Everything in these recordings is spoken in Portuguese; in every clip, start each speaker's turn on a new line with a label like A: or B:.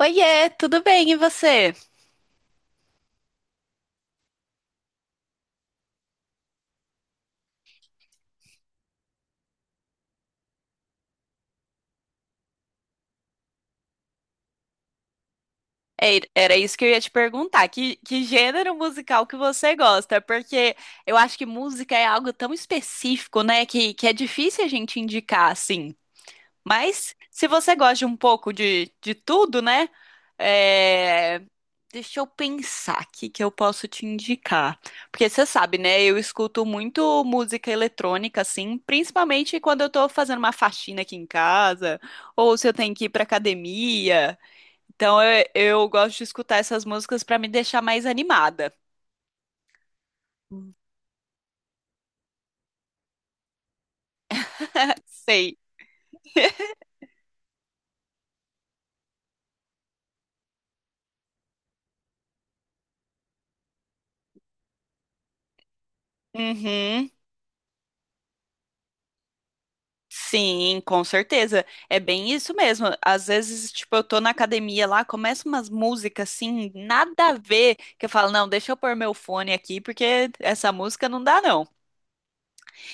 A: Oiê, tudo bem? E você? Era isso que eu ia te perguntar. Que gênero musical que você gosta? Porque eu acho que música é algo tão específico, né? Que é difícil a gente indicar assim. Mas se você gosta de um pouco de tudo, né? é, Deixa eu pensar aqui que eu posso te indicar. Porque você sabe, né? Eu escuto muito música eletrônica, assim, principalmente quando eu tô fazendo uma faxina aqui em casa, ou se eu tenho que ir pra academia. Então eu gosto de escutar essas músicas pra me deixar mais animada. Sei. Uhum. Sim, com certeza. É bem isso mesmo. Às vezes, tipo, eu tô na academia lá, começa umas músicas assim, nada a ver, que eu falo, não, deixa eu pôr meu fone aqui, porque essa música não dá, não.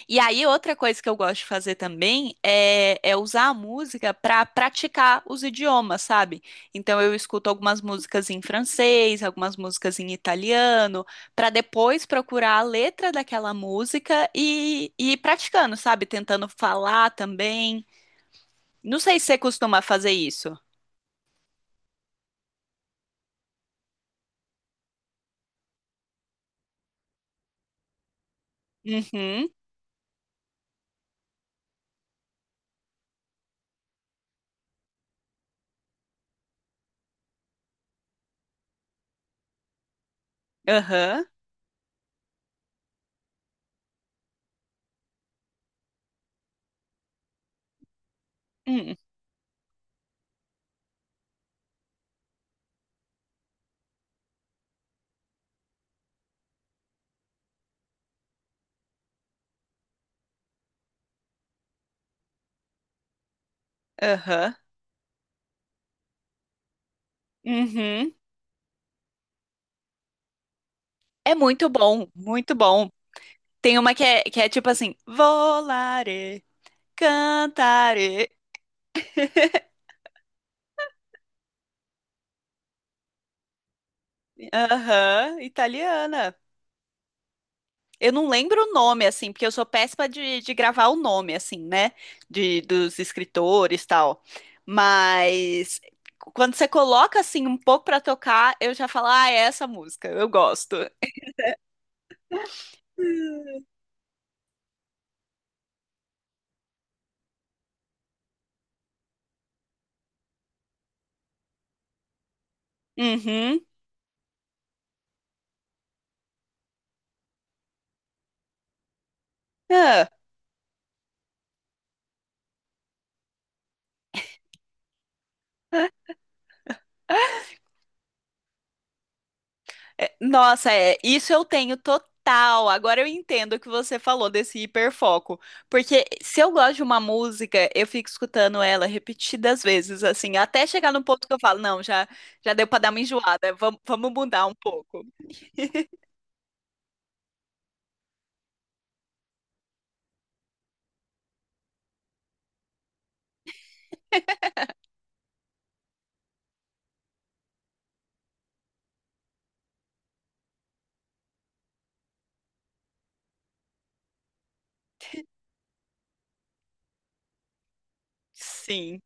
A: E aí, outra coisa que eu gosto de fazer também é usar a música para praticar os idiomas, sabe? Então, eu escuto algumas músicas em francês, algumas músicas em italiano, para depois procurar a letra daquela música e ir praticando, sabe? Tentando falar também. Não sei se você costuma fazer isso. Uhum, aham, hum, aham, uhum. É muito bom, muito bom. Tem uma que é tipo assim, volare. Cantare. Aham, italiana. Eu não lembro o nome, assim, porque eu sou péssima de gravar o nome, assim, né? De, dos escritores e tal. Mas quando você coloca, assim, um pouco pra tocar, eu já falo, ah, é essa música, eu gosto. Uhum. Ah. Nossa, isso eu tenho total. Agora eu entendo o que você falou desse hiperfoco. Porque se eu gosto de uma música, eu fico escutando ela repetidas vezes, assim, até chegar no ponto que eu falo, não, já, já deu pra dar uma enjoada, vamos, vamos mudar um pouco. Sim.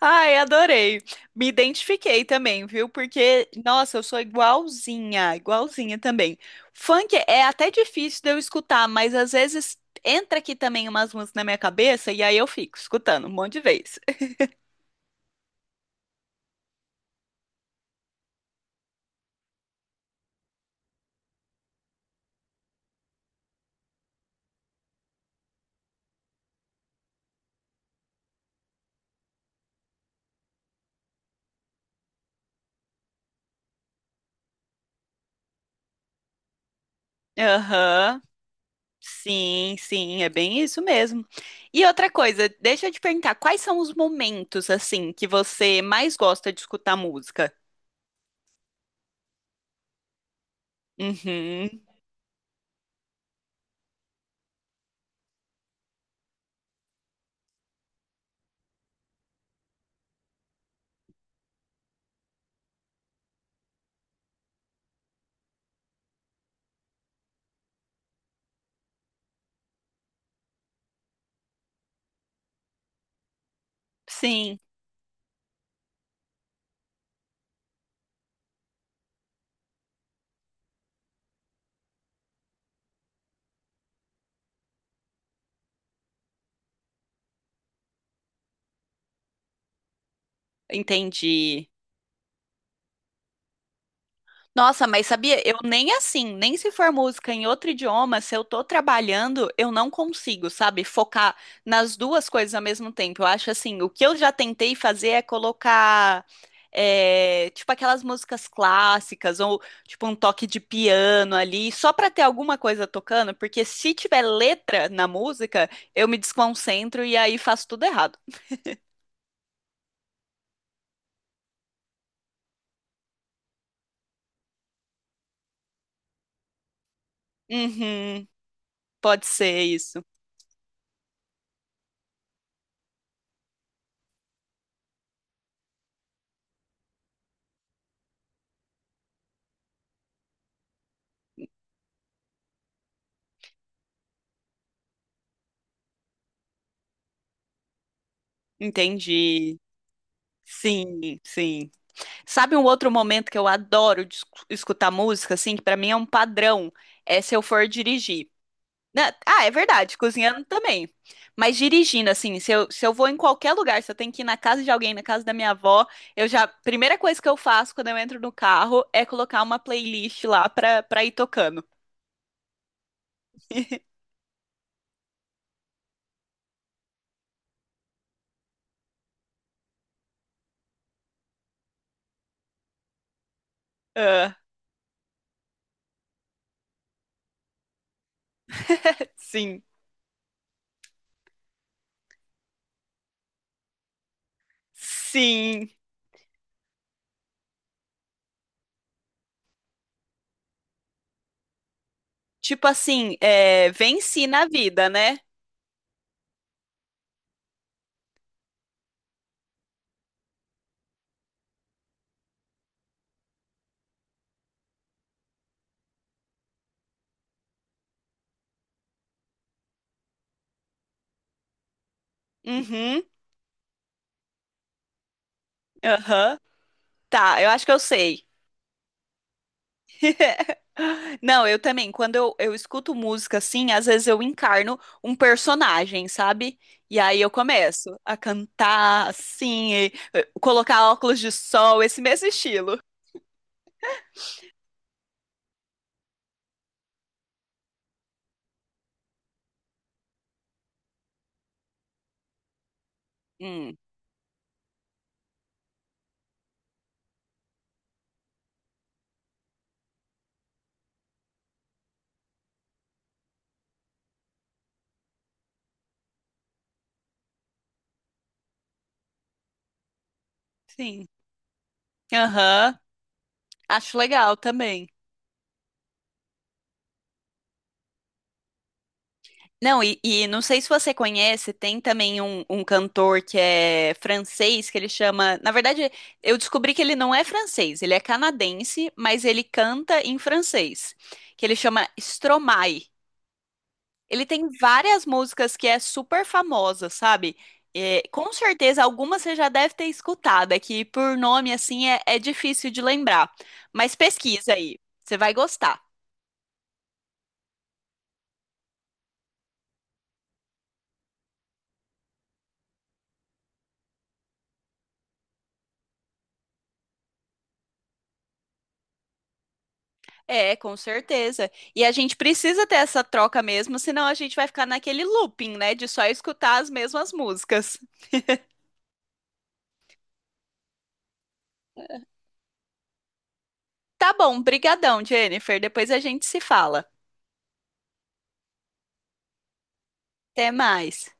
A: Ai, adorei. Me identifiquei também, viu? Porque, nossa, eu sou igualzinha, igualzinha também. Funk é até difícil de eu escutar, mas às vezes entra aqui também umas músicas na minha cabeça e aí eu fico escutando um monte de vez. Aham. Sim, sim, é bem isso mesmo. E outra coisa, deixa eu te perguntar, quais são os momentos assim que você mais gosta de escutar música? Uhum. Sim, entendi. Nossa, mas sabia? Eu nem assim, nem se for música em outro idioma, se eu tô trabalhando, eu não consigo, sabe? Focar nas duas coisas ao mesmo tempo. Eu acho assim, o que eu já tentei fazer é colocar, é, tipo, aquelas músicas clássicas, ou tipo um toque de piano ali, só pra ter alguma coisa tocando, porque se tiver letra na música, eu me desconcentro e aí faço tudo errado. Uhum, pode ser isso. Entendi. Sim, sim. Sabe um outro momento que eu adoro de escutar música, assim, que pra mim é um padrão, é se eu for dirigir. Né? Ah, é verdade, cozinhando também. Mas dirigindo, assim, se eu, se eu vou em qualquer lugar, se eu tenho que ir na casa de alguém, na casa da minha avó, eu já, primeira coisa que eu faço quando eu entro no carro é colocar uma playlist lá pra, pra ir tocando. Ah, sim, sim. Tipo assim, é, venci na vida, né? Uhum, aham. Tá, eu acho que eu sei. Não, eu também. Quando eu escuto música assim, às vezes eu encarno um personagem, sabe? E aí eu começo a cantar assim, e, colocar óculos de sol, esse mesmo estilo. Hum, sim. Aham. Acho legal também. Não, e não sei se você conhece, tem também um cantor que é francês, que ele chama. Na verdade, eu descobri que ele não é francês, ele é canadense, mas ele canta em francês, que ele chama Stromae. Ele tem várias músicas que é super famosa, sabe? É, com certeza algumas você já deve ter escutado, é que por nome assim é difícil de lembrar. Mas pesquisa aí, você vai gostar. É, com certeza. E a gente precisa ter essa troca mesmo, senão a gente vai ficar naquele looping, né, de só escutar as mesmas músicas. Tá bom, brigadão, Jennifer. Depois a gente se fala. Até mais.